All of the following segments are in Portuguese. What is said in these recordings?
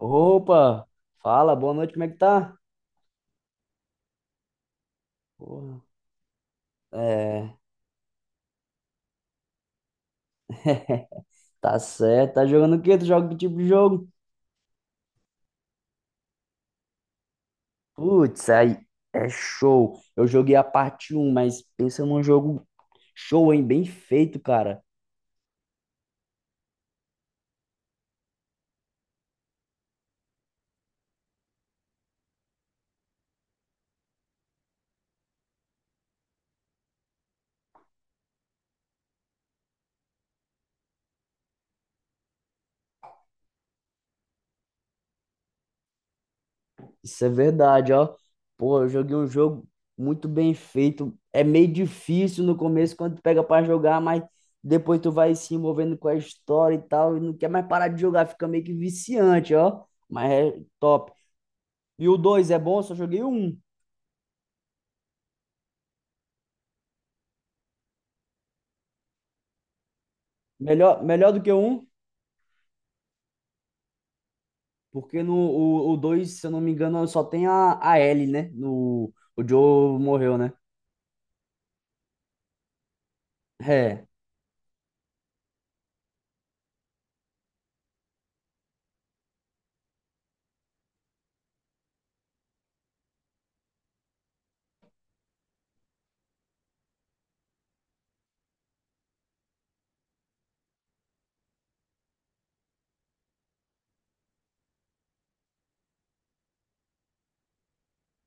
Opa, fala, boa noite, como é que tá? Porra. É, tá certo, tá jogando o quê? Tu joga que tipo de jogo? Putz, aí é show. Eu joguei a parte um mas pensa num jogo show, hein? Bem feito, cara. Isso é verdade, ó. Pô, eu joguei um jogo muito bem feito. É meio difícil no começo quando tu pega pra jogar, mas depois tu vai se envolvendo com a história e tal, e não quer mais parar de jogar, fica meio que viciante, ó. Mas é top. E o dois é bom, eu só joguei o 1. Melhor do que o 1, porque o 2 se eu não me engano, só tem a Ellie, né? No, o Joe morreu, né? É.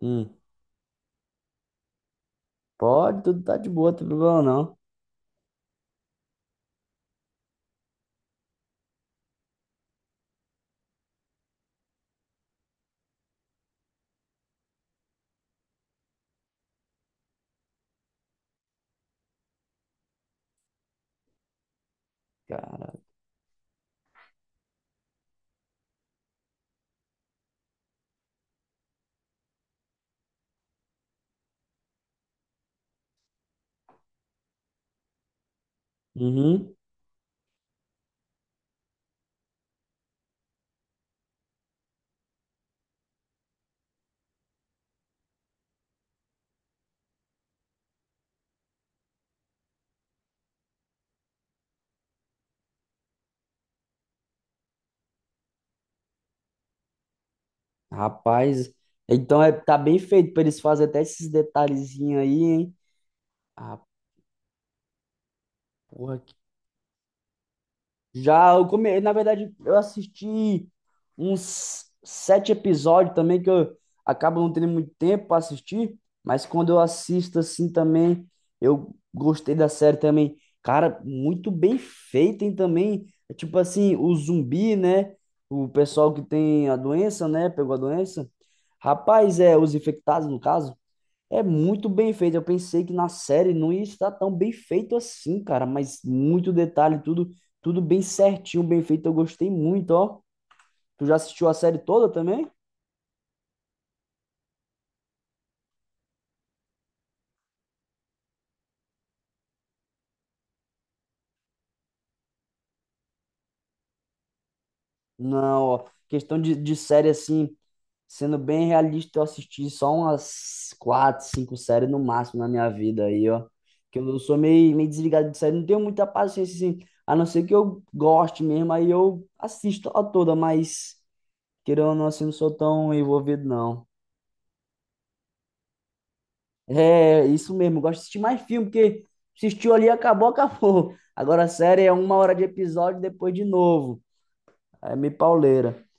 Hum. Pode, tudo tá de boa, não tem problema não. Cara. Uhum. Rapaz. Então é, tá bem feito pra eles fazerem até esses detalhezinhos aí, hein? Ah, porra, na verdade, eu assisti uns 7 episódios também que eu acabo não tendo muito tempo para assistir, mas quando eu assisto assim também, eu gostei da série também. Cara, muito bem feita, hein, também. É tipo assim, o zumbi, né? O pessoal que tem a doença, né? Pegou a doença. Rapaz, é, os infectados, no caso. É muito bem feito. Eu pensei que na série não ia estar tão bem feito assim, cara, mas muito detalhe, tudo, tudo bem certinho, bem feito. Eu gostei muito, ó. Tu já assistiu a série toda também? Não, ó. Questão de série assim, sendo bem realista, eu assisti só umas quatro, cinco séries no máximo na minha vida aí, ó. Que eu sou meio, meio desligado de série, não tenho muita paciência assim. A não ser que eu goste mesmo, aí eu assisto a toda, mas querendo ou não, assim, não sou tão envolvido, não. É, isso mesmo. Eu gosto de assistir mais filme, porque assistiu ali, acabou, acabou. Agora a série é uma hora de episódio, depois de novo. É meio pauleira.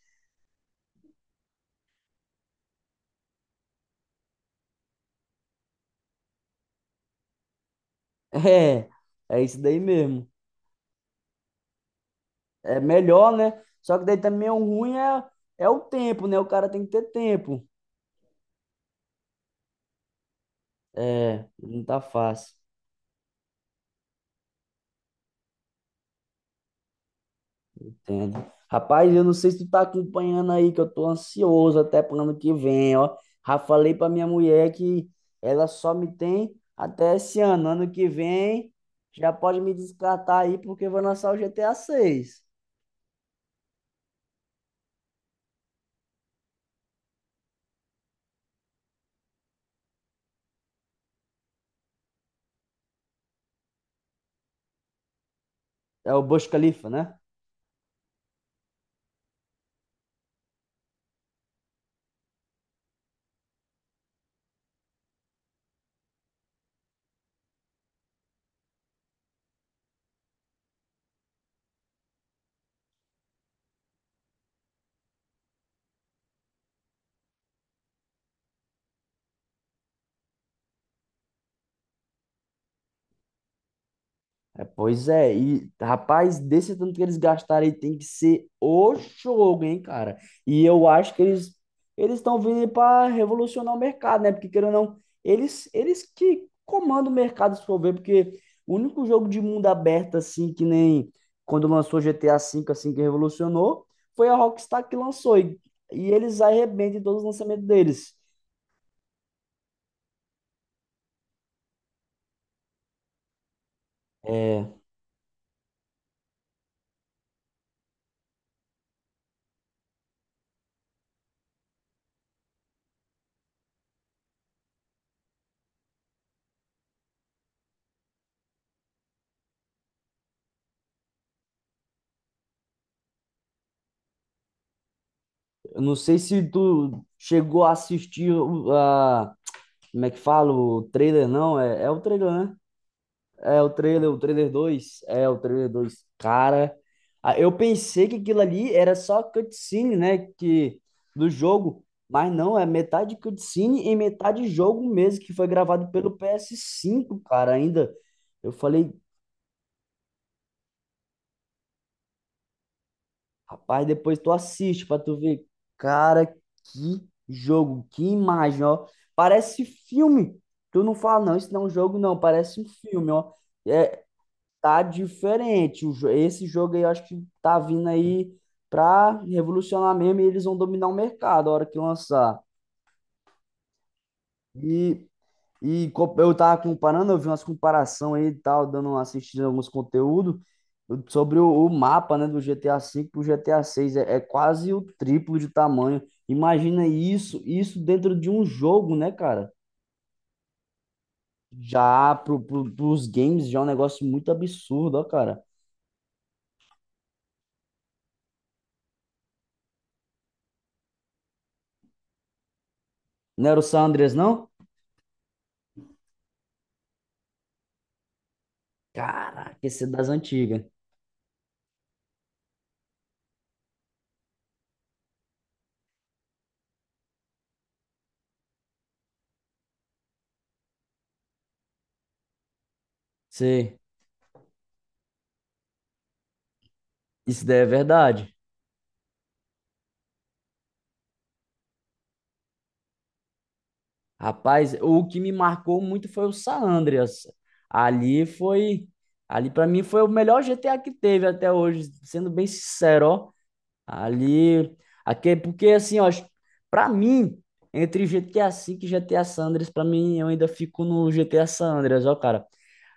É, é isso daí mesmo. É melhor, né? Só que daí também o ruim é, é o tempo, né? O cara tem que ter tempo. É, não tá fácil. Entendo. Rapaz, eu não sei se tu tá acompanhando aí, que eu tô ansioso até pro ano que vem, ó. Já falei pra minha mulher que ela só me tem até esse ano. Ano que vem já pode me descartar aí, porque vou lançar o GTA 6. É o Burj Khalifa, né? É, pois é, e rapaz, desse tanto que eles gastaram aí tem que ser o jogo, hein, cara? E eu acho que eles estão vindo para revolucionar o mercado, né? Porque querendo ou não, eles que comandam o mercado, se for ver, porque o único jogo de mundo aberto assim que nem quando lançou GTA 5 assim que revolucionou, foi a Rockstar que lançou e eles arrebentam em todos os lançamentos deles. É, eu não sei se tu chegou a assistir a como é que falo trailer não? É, é o trailer, né? É o trailer dois. É o trailer dois. Cara, ah, eu pensei que aquilo ali era só cutscene, né? Do jogo. Mas não, é metade cutscene e metade jogo mesmo, que foi gravado pelo ps cinco, cara, ainda. Eu falei, rapaz, depois tu assiste pra tu ver. Cara, que jogo, que imagem, ó. Parece filme. Tu não fala, não, isso não é um jogo, não. Parece um filme, ó. É, tá diferente. Esse jogo aí eu acho que tá vindo aí pra revolucionar mesmo e eles vão dominar o mercado a hora que lançar. E, eu tava comparando, eu vi umas comparação aí e tal, dando uma assistida em alguns conteúdos sobre o mapa, né, do GTA 5 pro GTA 6. É, é quase o triplo de tamanho. Imagina isso, isso dentro de um jogo, né, cara? Já pros games já é um negócio muito absurdo, ó, cara. Não era o San Andreas, não? Caraca, esse é das antigas. Sei. Isso daí é verdade. Rapaz, o que me marcou muito foi o San Andreas. Ali foi. Ali pra mim foi o melhor GTA que teve até hoje, sendo bem sincero, ó. Ali. Aqui, porque assim, ó, pra mim, entre GTA 5 e GTA San Andreas, pra mim eu ainda fico no GTA San Andreas, ó, cara.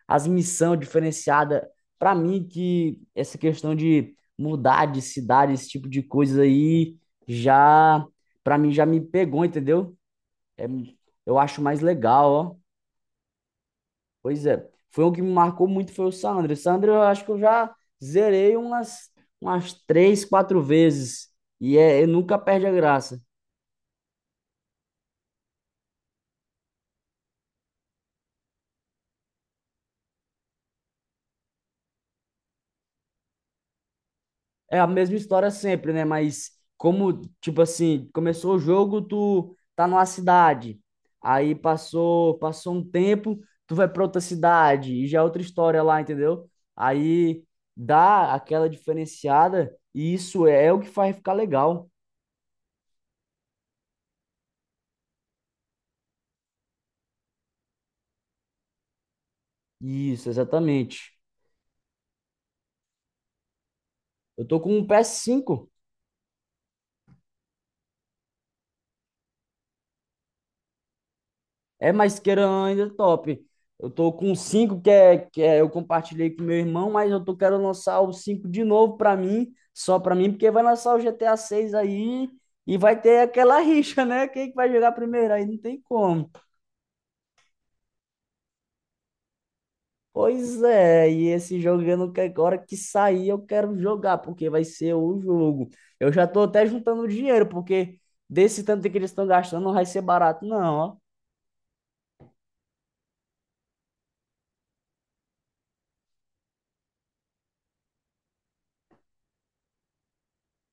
As missão diferenciada. Para mim, que essa questão de mudar de cidade, esse tipo de coisa aí, já, para mim, já me pegou, entendeu? É, eu acho mais legal, ó. Pois é. Foi um que me marcou muito, foi o Sandro. Sandro, eu acho que eu já zerei umas, umas três, quatro vezes. E é, eu nunca perde a graça. É a mesma história sempre, né? Mas como, tipo assim, começou o jogo, tu tá numa cidade. Aí passou, passou um tempo, tu vai pra outra cidade e já é outra história lá, entendeu? Aí dá aquela diferenciada e isso é o que faz ficar legal. Isso, exatamente. Eu tô com um ps cinco. É, mais queira ainda é top. Eu tô com cinco eu compartilhei com meu irmão, mas eu tô querendo lançar o 5 de novo pra mim, só pra mim, porque vai lançar o GTA 6 aí e vai ter aquela rixa, né? Quem que vai jogar primeiro? Aí não tem como. Pois é, e esse jogo eu não quero, agora que sair eu quero jogar, porque vai ser o jogo. Eu já tô até juntando dinheiro, porque desse tanto que eles estão gastando não vai ser barato, não, ó.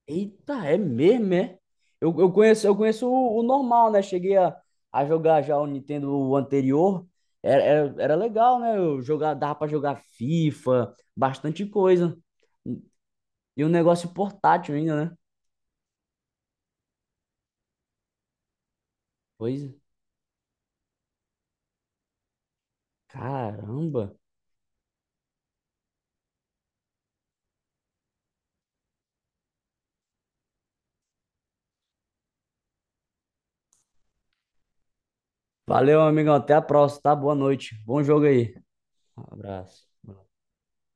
Eita, é mesmo, é? Eu conheço o normal, né? Cheguei a jogar já o Nintendo anterior. Era legal, né? Eu jogar, dava pra jogar FIFA, bastante coisa. E um negócio portátil ainda, né? Pois, é. Caramba. Valeu, amigão. Até a próxima, tá? Boa noite. Bom jogo aí. Um abraço.